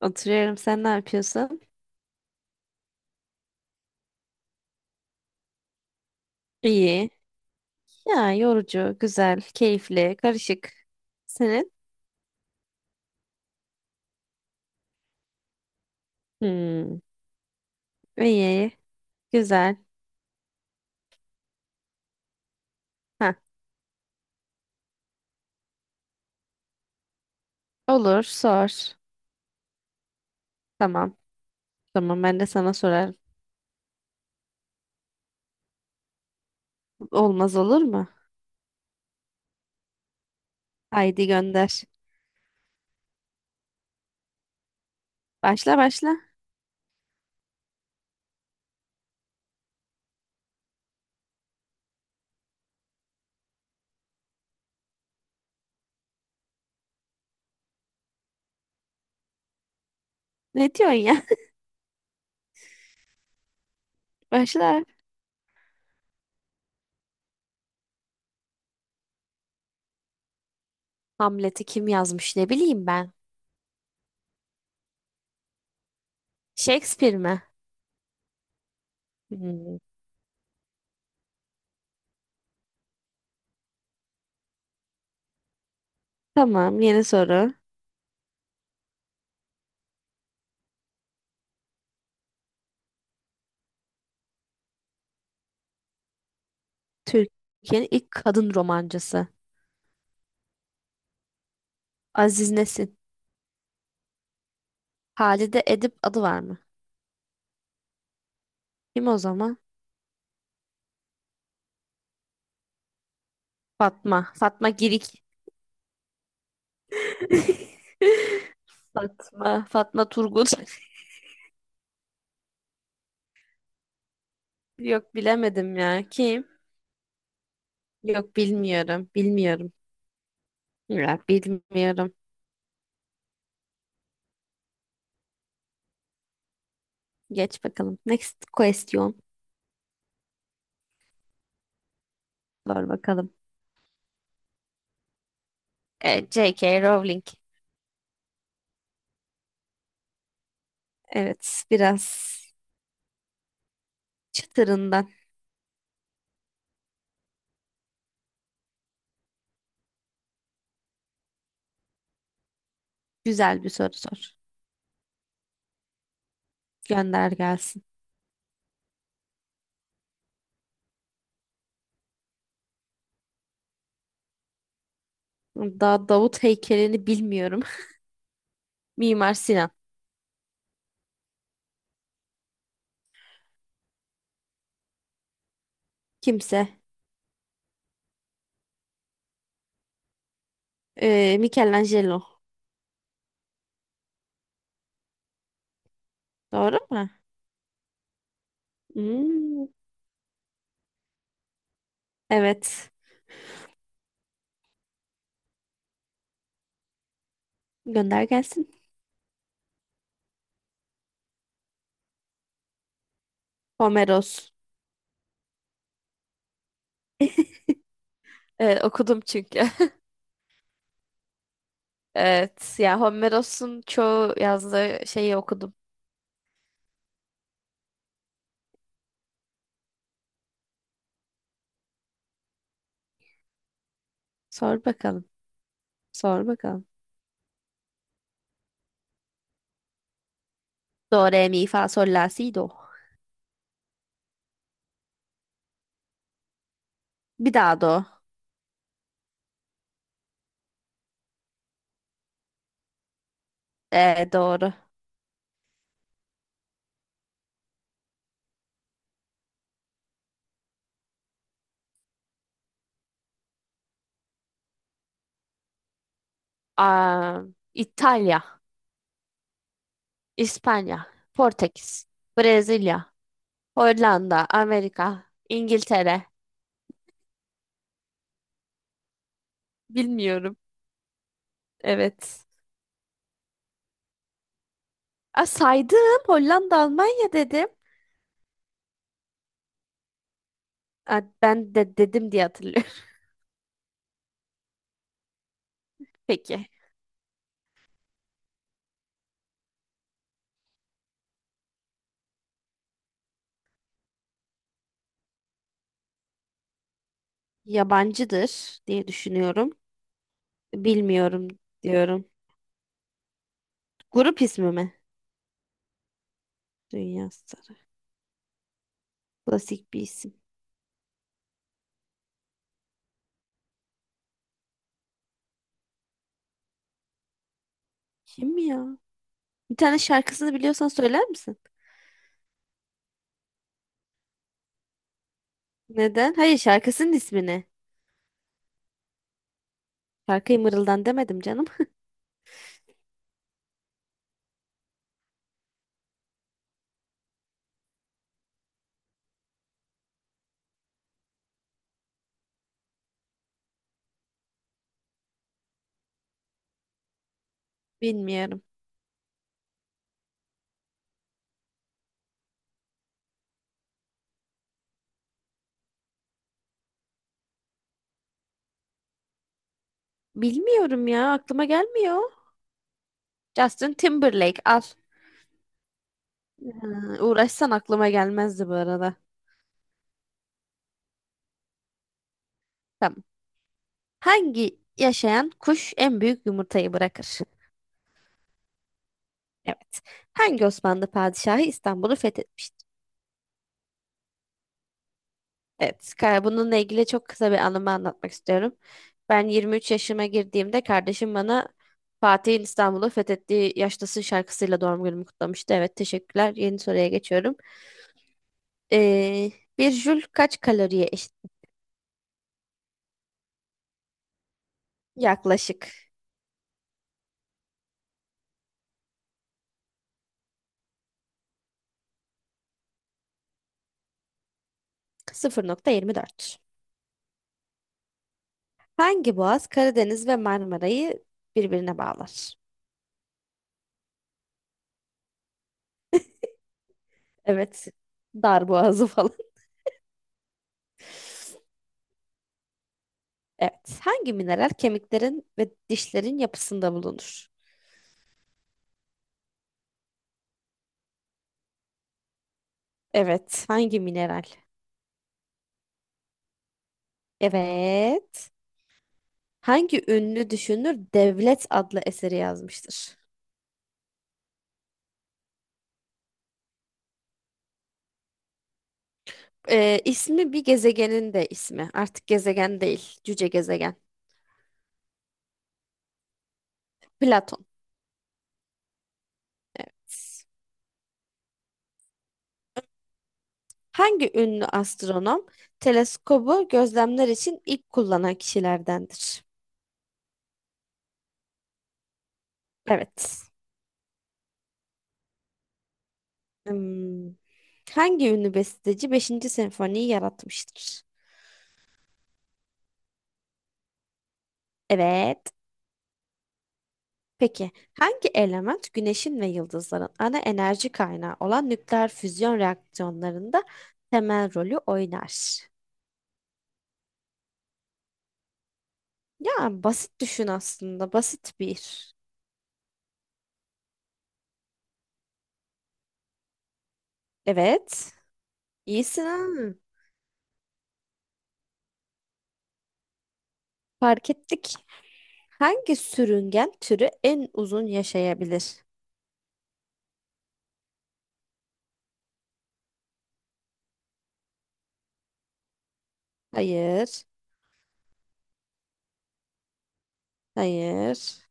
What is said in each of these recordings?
Oturuyorum. Sen ne yapıyorsun? İyi. Ya yorucu, güzel, keyifli, karışık. Senin? Hmm. İyi, güzel. Ha, olur, sor. Tamam. Tamam, ben de sana sorarım. Olmaz olur mu? Haydi gönder. Başla başla. Ne diyorsun ya? Başla. Hamlet'i kim yazmış, ne bileyim ben. Shakespeare mi? Hmm. Tamam, yeni soru. Türkiye'nin ilk kadın romancısı. Aziz Nesin. Halide Edip adı var mı? Kim o zaman? Fatma. Fatma Girik. Fatma. Fatma Turgut. Yok, bilemedim ya. Kim? Yok, bilmiyorum. Bilmiyorum. Ya bilmiyorum. Geç bakalım. Next question. Sor bakalım. E, J.K. Rowling. Evet, biraz çıtırından güzel bir soru sor. Gönder gelsin. Daha Davut heykelini bilmiyorum. Mimar Sinan. Kimse. E, Michelangelo. Doğru mu? Hmm, evet. Gönder gelsin. Homeros. Evet, okudum çünkü. Evet. Ya Homeros'un çoğu yazdığı şeyi okudum. Sor bakalım. Sor bakalım. Do, re, mi, fa, sol, la, si, do. Bir daha do. Doğru. Aa, İtalya, İspanya, Portekiz, Brezilya, Hollanda, Amerika, İngiltere. Bilmiyorum. Evet. Aa, saydım. Hollanda, Almanya dedim. Aa, ben de dedim diye hatırlıyorum. Peki. Yabancıdır diye düşünüyorum. Bilmiyorum diyorum. Grup ismi mi? Dünya Starı. Klasik bir isim. Kim ya? Bir tane şarkısını biliyorsan söyler misin? Neden? Hayır, şarkısının ismini. Şarkıyı mırıldan demedim canım. Bilmiyorum. Bilmiyorum ya, aklıma gelmiyor. Justin Timberlake al. Ha, uğraşsan aklıma gelmezdi bu arada. Tamam. Hangi yaşayan kuş en büyük yumurtayı bırakır? Evet. Hangi Osmanlı padişahı İstanbul'u fethetmiştir? Evet, ka- bununla ilgili çok kısa bir anımı anlatmak istiyorum. Ben 23 yaşıma girdiğimde kardeşim bana Fatih'in İstanbul'u fethettiği yaştasın şarkısıyla doğum günümü kutlamıştı. Evet, teşekkürler. Yeni soruya geçiyorum. Ee, Bir jül kaç kaloriye eşit? Yaklaşık 0,24. Hangi boğaz Karadeniz ve Marmara'yı birbirine bağlar? Evet, dar boğazı falan. Evet, hangi mineral kemiklerin ve dişlerin yapısında bulunur? Evet, hangi mineral? Evet. Hangi ünlü düşünür Devlet adlı eseri yazmıştır? İsmi bir gezegenin de ismi. Artık gezegen değil, cüce gezegen. Platon. Hangi ünlü astronom teleskobu gözlemler için ilk kullanan kişilerdendir? Evet. Hmm. Hangi ünlü besteci 5. senfoniyi yaratmıştır? Evet. Peki, hangi element güneşin ve yıldızların ana enerji kaynağı olan nükleer füzyon reaksiyonlarında temel rolü oynar? Ya basit düşün, aslında basit bir. Evet. İyisin ha. Fark ettik. Hangi sürüngen türü en uzun yaşayabilir? Hayır. Hayır.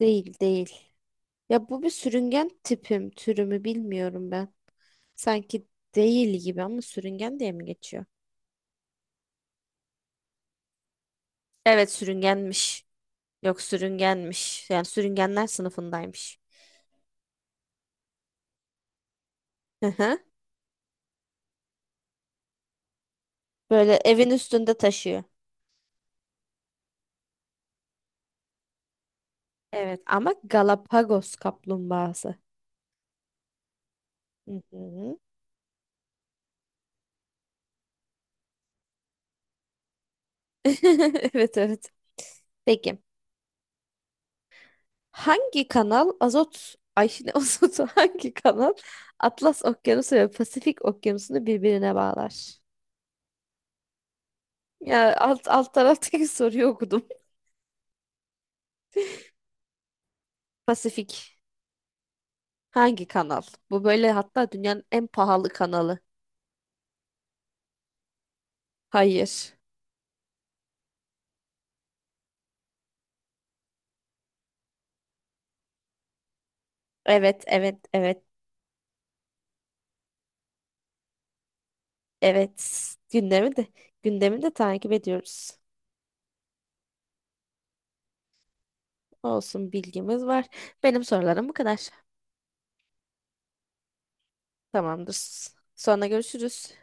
Değil değil. Ya bu bir sürüngen tipim türümü bilmiyorum ben. Sanki değil gibi, ama sürüngen diye mi geçiyor? Evet, sürüngenmiş. Yok, sürüngenmiş. Yani sürüngenler sınıfındaymış. Hı hı. Böyle evin üstünde taşıyor. Evet, ama Galapagos kaplumbağası. Hı hı. Evet evet. Peki. Hangi kanal azot Ay ne azotu hangi kanal Atlas Okyanusu ve Pasifik Okyanusu'nu birbirine bağlar? Ya alt alt taraftaki soruyu okudum. Pasifik hangi kanal? Bu böyle hatta dünyanın en pahalı kanalı. Hayır. Evet evet evet. Evet, gündemi de takip ediyoruz. Olsun, bilgimiz var. Benim sorularım bu kadar. Tamamdır. Sonra görüşürüz.